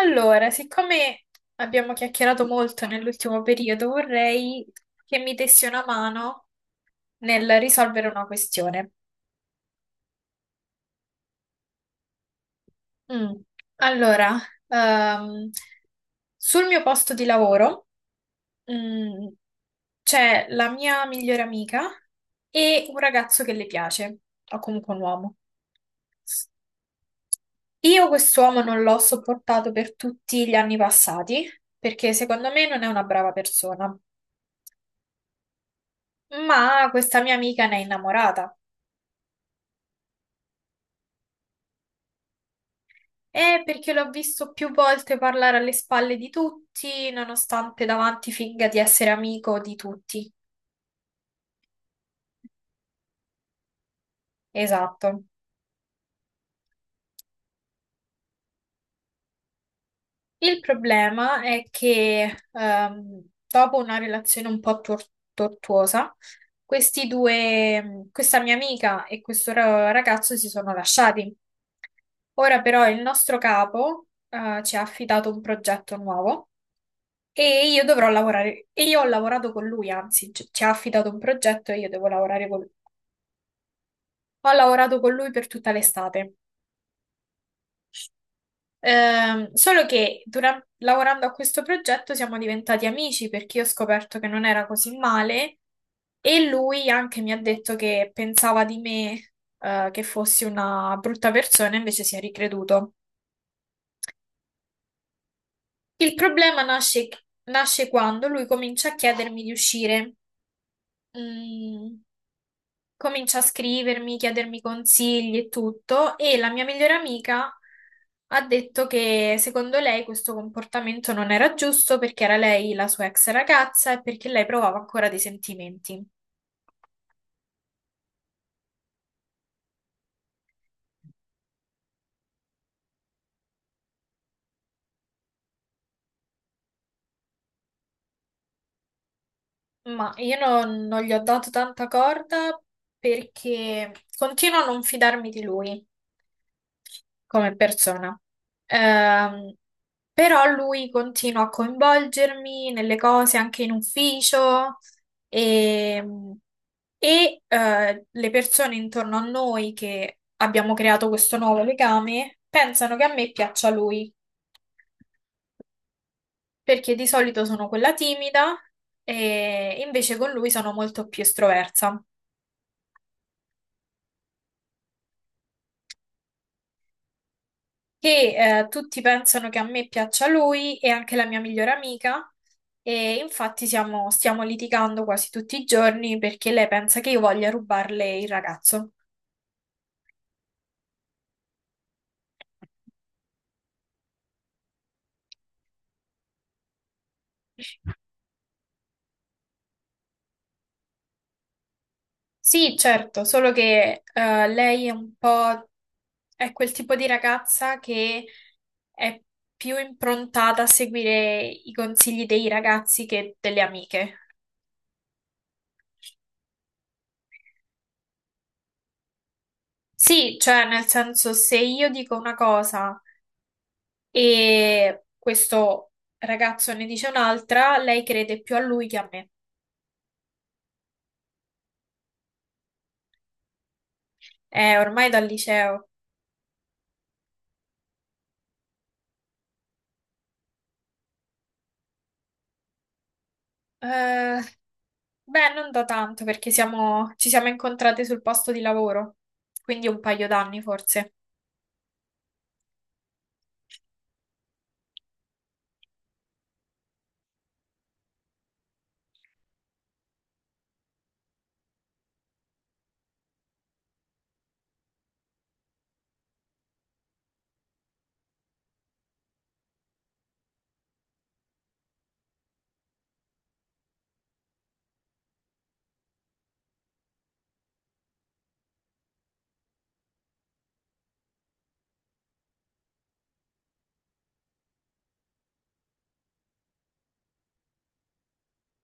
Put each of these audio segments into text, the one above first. Allora, siccome abbiamo chiacchierato molto nell'ultimo periodo, vorrei che mi dessi una mano nel risolvere una questione. Mm. Allora, ehm, sul mio posto di lavoro, mm, c'è la mia migliore amica e un ragazzo che le piace, o comunque un uomo. Io quest'uomo non l'ho sopportato per tutti gli anni passati, perché secondo me non è una brava persona. Ma questa mia amica ne è innamorata. Perché l'ho visto più volte parlare alle spalle di tutti, nonostante davanti finga di essere amico di tutti. Esatto. Il problema è che dopo una relazione un po' tortuosa, questi due, questa mia amica e questo ragazzo si sono lasciati. Ora però il nostro capo ci ha affidato un progetto nuovo. E io dovrò lavorare, e Io ho lavorato con lui, anzi, ci ha affidato un progetto e io devo lavorare con lui. Ho lavorato con lui per tutta l'estate. Solo che lavorando a questo progetto siamo diventati amici perché io ho scoperto che non era così male e lui anche mi ha detto che pensava di me, che fossi una brutta persona, invece si è ricreduto. Il problema nasce, Nasce quando lui comincia a chiedermi di uscire. Mm. Comincia a scrivermi, chiedermi consigli e tutto, e la mia migliore amica ha detto che secondo lei questo comportamento non era giusto perché era lei la sua ex ragazza e perché lei provava ancora dei sentimenti. Ma io non, non gli ho dato tanta corda perché continuo a non fidarmi di lui come persona. Ehm, Però lui continua a coinvolgermi nelle cose anche in ufficio e, e le persone intorno a noi che abbiamo creato questo nuovo legame pensano che a me piaccia lui, perché di solito sono quella timida e invece con lui sono molto più estroversa. Che tutti pensano che a me piaccia lui e anche la mia migliore amica, e infatti stiamo litigando quasi tutti i giorni perché lei pensa che io voglia rubarle il ragazzo. Sì, certo, solo che lei è un po', è quel tipo di ragazza che è più improntata a seguire i consigli dei ragazzi che delle amiche. Sì, cioè nel senso, se io dico una cosa e questo ragazzo ne dice un'altra, lei crede più a lui che a me. È ormai dal liceo. Eh, beh, non da tanto perché ci siamo incontrate sul posto di lavoro, quindi un paio d'anni forse.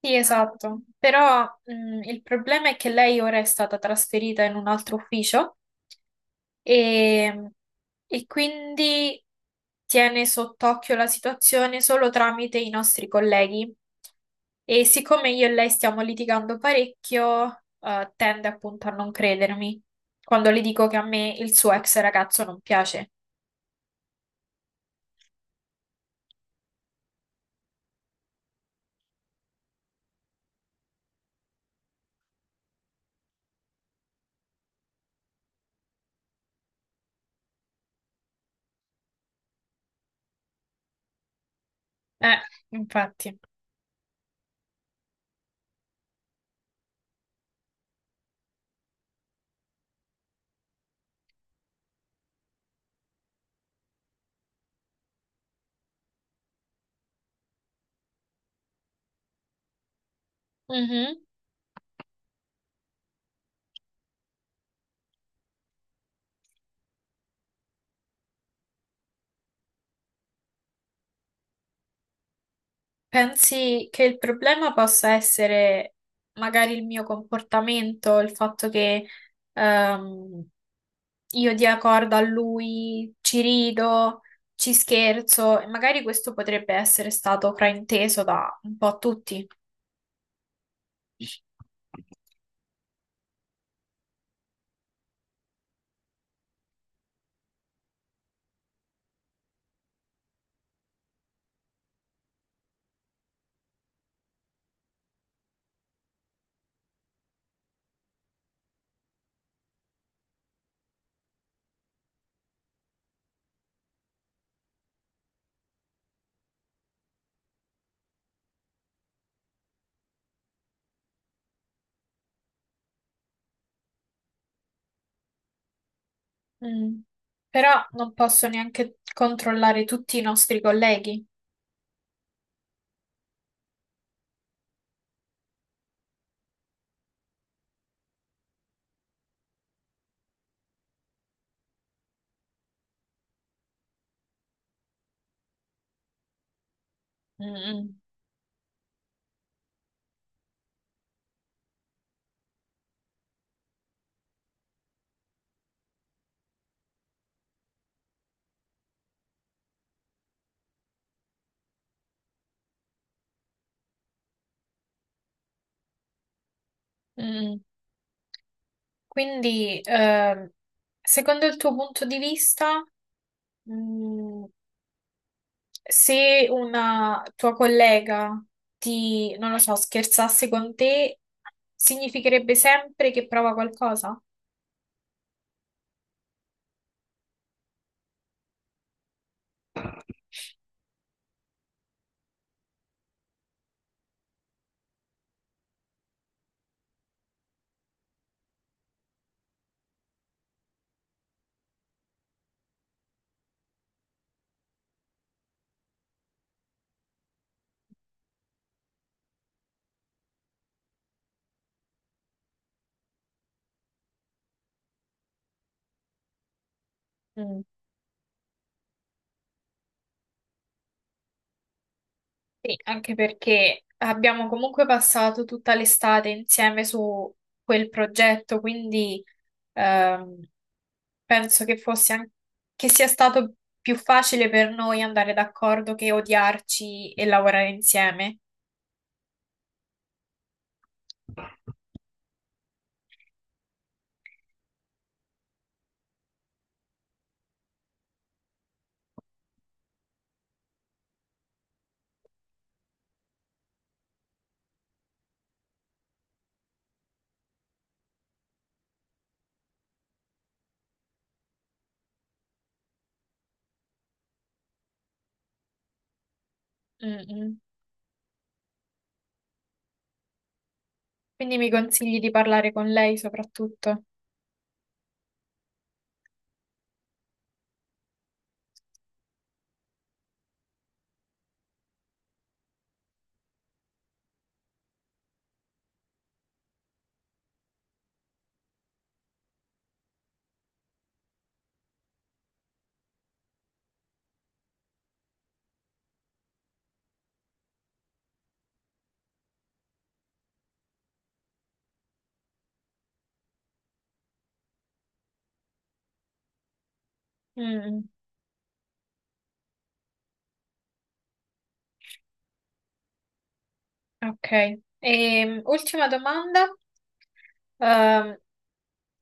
Sì, esatto. Però, il problema è che lei ora è stata trasferita in un altro ufficio, e, e quindi tiene sott'occhio la situazione solo tramite i nostri colleghi. E siccome io e lei stiamo litigando parecchio, tende appunto a non credermi quando le dico che a me il suo ex ragazzo non piace. Eh, infatti. Mhm. Pensi che il problema possa essere magari il mio comportamento, il fatto che ehm, io dia corda a lui, ci rido, ci scherzo, e magari questo potrebbe essere stato frainteso da un po' tutti. Mm. Però non posso neanche controllare tutti i nostri colleghi. Mm, mm, mm. Quindi, secondo il tuo punto di vista, mm, se una tua collega ti, non lo so, scherzasse con te, significherebbe sempre che prova qualcosa? Mm. Sì, anche perché abbiamo comunque passato tutta l'estate insieme su quel progetto, quindi ehm, penso che che sia stato più facile per noi andare d'accordo che odiarci e lavorare insieme. Mm, mm. Quindi mi consigli di parlare con lei soprattutto. Mm, mm. Ok. E, ultima domanda. Ehm,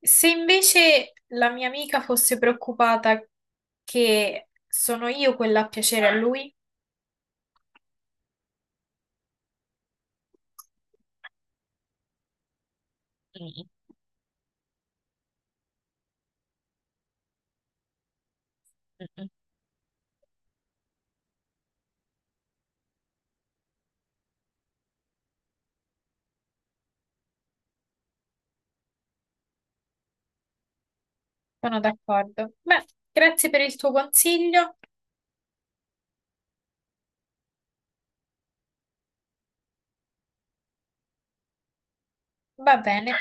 Se invece la mia amica fosse preoccupata che sono io quella a piacere a lui, sono d'accordo. Beh, grazie per il tuo consiglio. Va bene.